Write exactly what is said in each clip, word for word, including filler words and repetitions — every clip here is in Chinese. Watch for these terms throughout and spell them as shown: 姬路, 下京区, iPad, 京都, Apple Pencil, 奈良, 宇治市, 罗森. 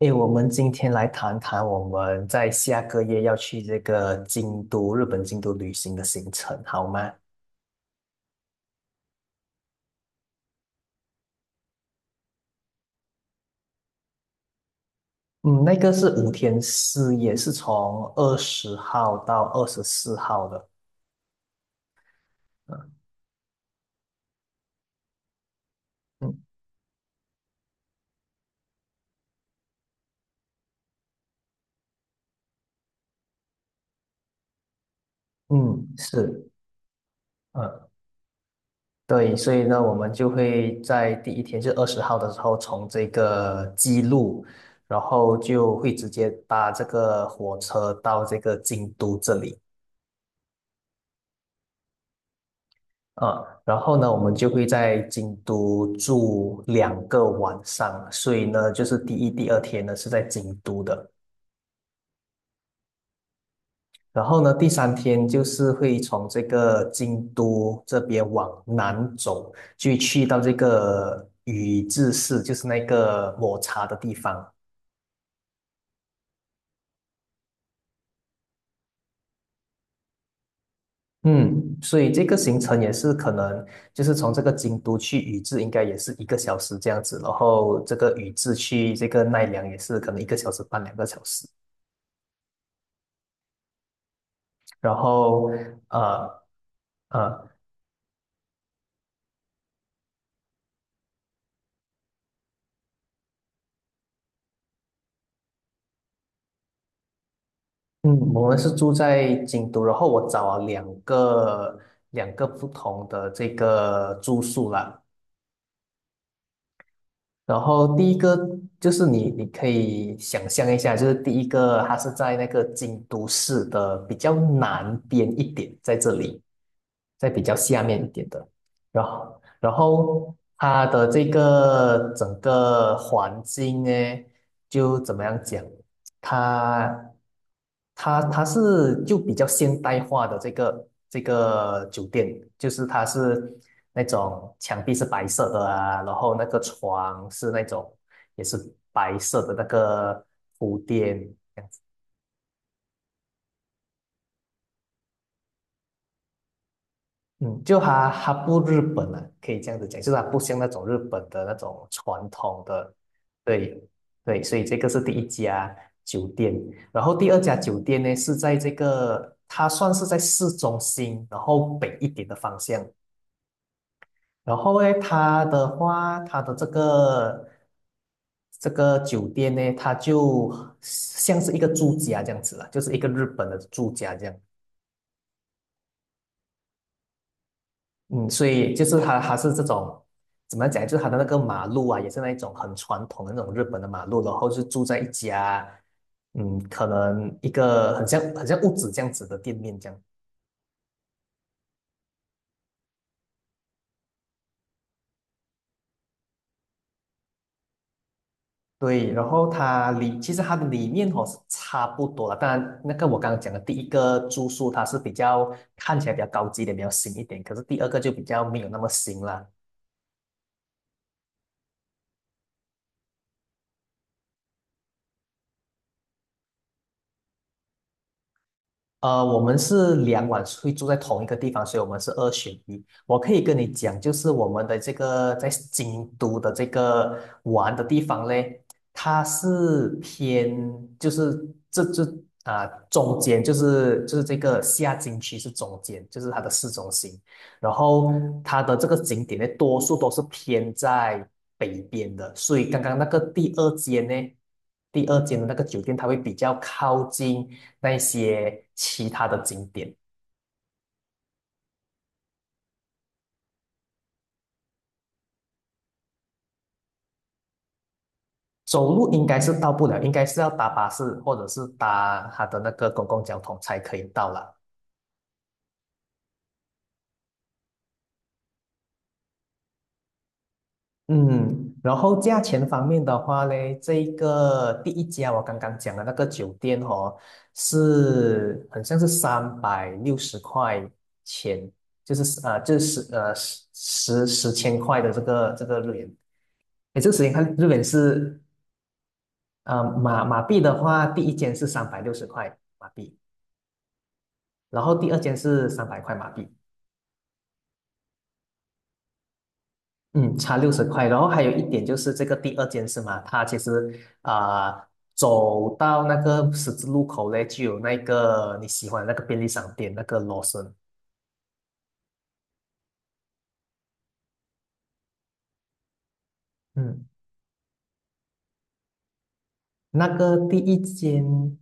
诶，我们今天来谈谈我们在下个月要去这个京都，日本京都旅行的行程，好吗？嗯，那个是五天四夜，是从二十号到二十四号的。嗯嗯，嗯是，嗯，对，所以呢，我们就会在第一天，就二十号的时候，从这个姬路，然后就会直接搭这个火车到这个京都这里。啊，然后呢，我们就会在京都住两个晚上，所以呢，就是第一、第二天呢是在京都的。然后呢，第三天就是会从这个京都这边往南走，就去到这个宇治市，就是那个抹茶的地方。嗯，所以这个行程也是可能就是从这个京都去宇治，应该也是一个小时这样子。然后这个宇治去这个奈良也是可能一个小时半、两个小时。然后呃呃，嗯，我们是住在京都，然后我找了两个两个不同的这个住宿了。然后第一个就是你，你可以想象一下，就是第一个它是在那个京都市的比较南边一点，在这里，在比较下面一点的。然后然后它的这个整个环境呢，就怎么样讲，它它它是就比较现代化的这个这个酒店，就是它是。那种墙壁是白色的啊，然后那个床是那种也是白色的那个铺垫。嗯，就它它不日本啊，可以这样子讲，就是它不像那种日本的那种传统的。对对，所以这个是第一家酒店。然后第二家酒店呢是在这个它算是在市中心，然后北一点的方向。然后呢，它的话，它的这个这个酒店呢，它就像是一个住家这样子了，就是一个日本的住家这样。嗯，所以就是它它是这种怎么讲，就是它的那个马路啊，也是那一种很传统的那种日本的马路，然后是住在一家嗯，可能一个很像很像屋子这样子的店面这样。对，然后它里其实它的里面哦是差不多了，当然那个我刚刚讲的第一个住宿它是比较看起来比较高级一点，比较新一点，可是第二个就比较没有那么新了。呃，我们是两晚会住在同一个地方，所以我们是二选一。我可以跟你讲，就是我们的这个在京都的这个玩的地方嘞，它是偏就是这这啊、中间就是就是这个下京区是中间，就是它的市中心。然后它的这个景点呢，多数都是偏在北边的。所以刚刚那个第二间呢，第二间的那个酒店，它会比较靠近那些其他的景点。走路应该是到不了，应该是要搭巴士或者是搭它的那个公共交通才可以到了。嗯，然后价钱方面的话呢，这一个第一家我刚刚讲的那个酒店哦，是很像是三百六十块钱，就是呃，就是呃十十十千块的这个这个日元。诶，这个时间看日元是呃马马币的话，第一间是三百六十块马币，然后第二间是三百块马币。嗯，差六十块，然后还有一点就是这个第二间是吗？它其实啊、走到那个十字路口嘞，就有那个你喜欢的那个便利商店，那个罗森。嗯，那个第一间，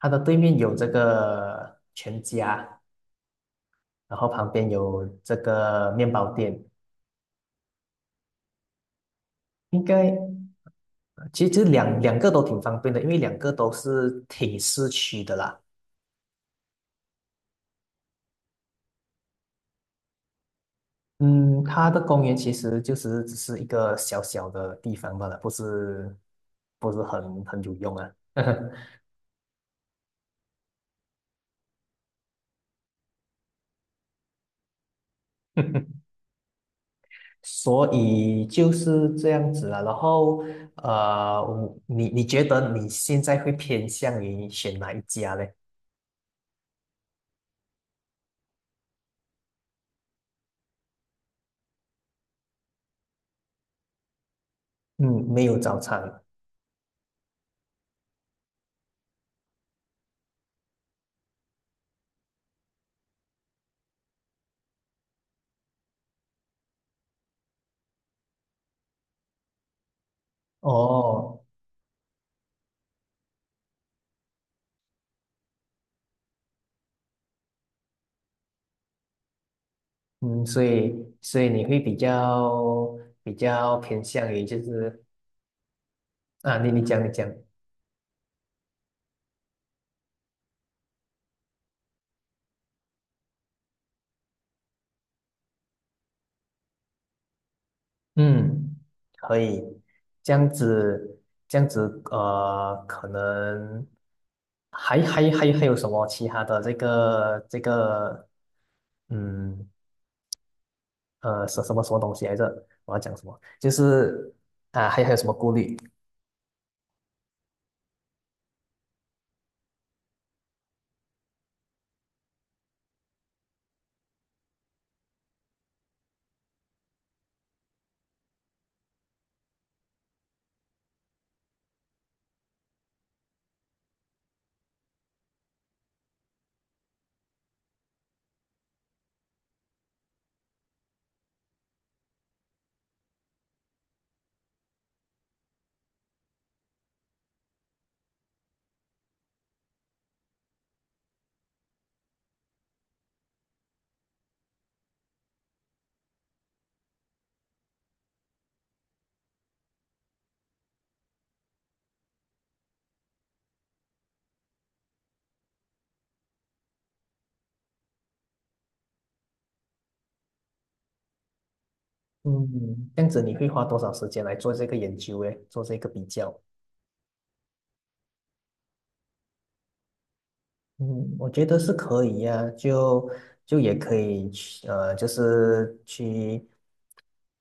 它的对面有这个全家，然后旁边有这个面包店。应该其实其实两两个都挺方便的，因为两个都是挺市区的啦。嗯，它的公园其实就是只是一个小小的地方罢了，不是不是很很有用啊。所以就是这样子啊。然后呃，我你你觉得你现在会偏向于选哪一家嘞？嗯，没有早餐哦。嗯，所以所以你会比较比较偏向于就是啊，你你讲你讲，嗯，可以，这样子，这样子。呃，可能还还还还有什么其他的这个这个，嗯呃，什什么什么东西来着？我要讲什么？就是啊，还还有什么顾虑？嗯，这样子你会花多少时间来做这个研究诶，做这个比较？嗯，我觉得是可以呀、就就也可以去，呃，就是去，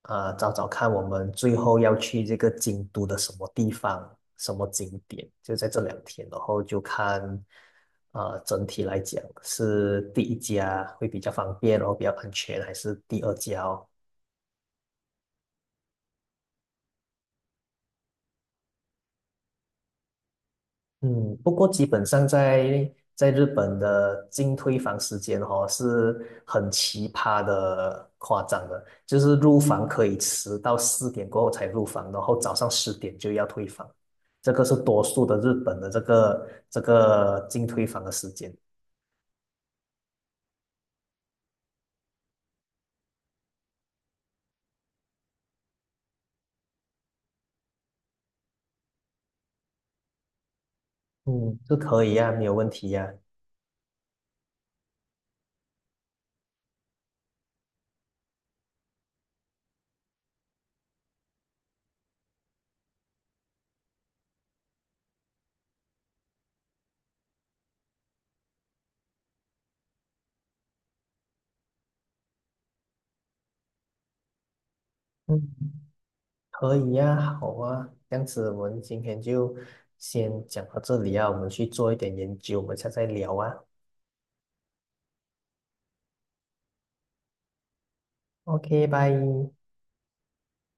呃，找找看我们最后要去这个京都的什么地方、什么景点，就在这两天，然后就看，呃，整体来讲是第一家会比较方便，然后比较安全，还是第二家哦。嗯，不过基本上在在日本的进退房时间哦是很奇葩的、夸张的。就是入房可以迟到四点过后才入房，然后早上十点就要退房。这个是多数的日本的这个这个进退房的时间。嗯，是可以呀、没有问题呀、嗯，可以呀、好啊，这样子我们今天就先讲到这里啊，我们去做一点研究，我们下次再聊啊。OK，拜。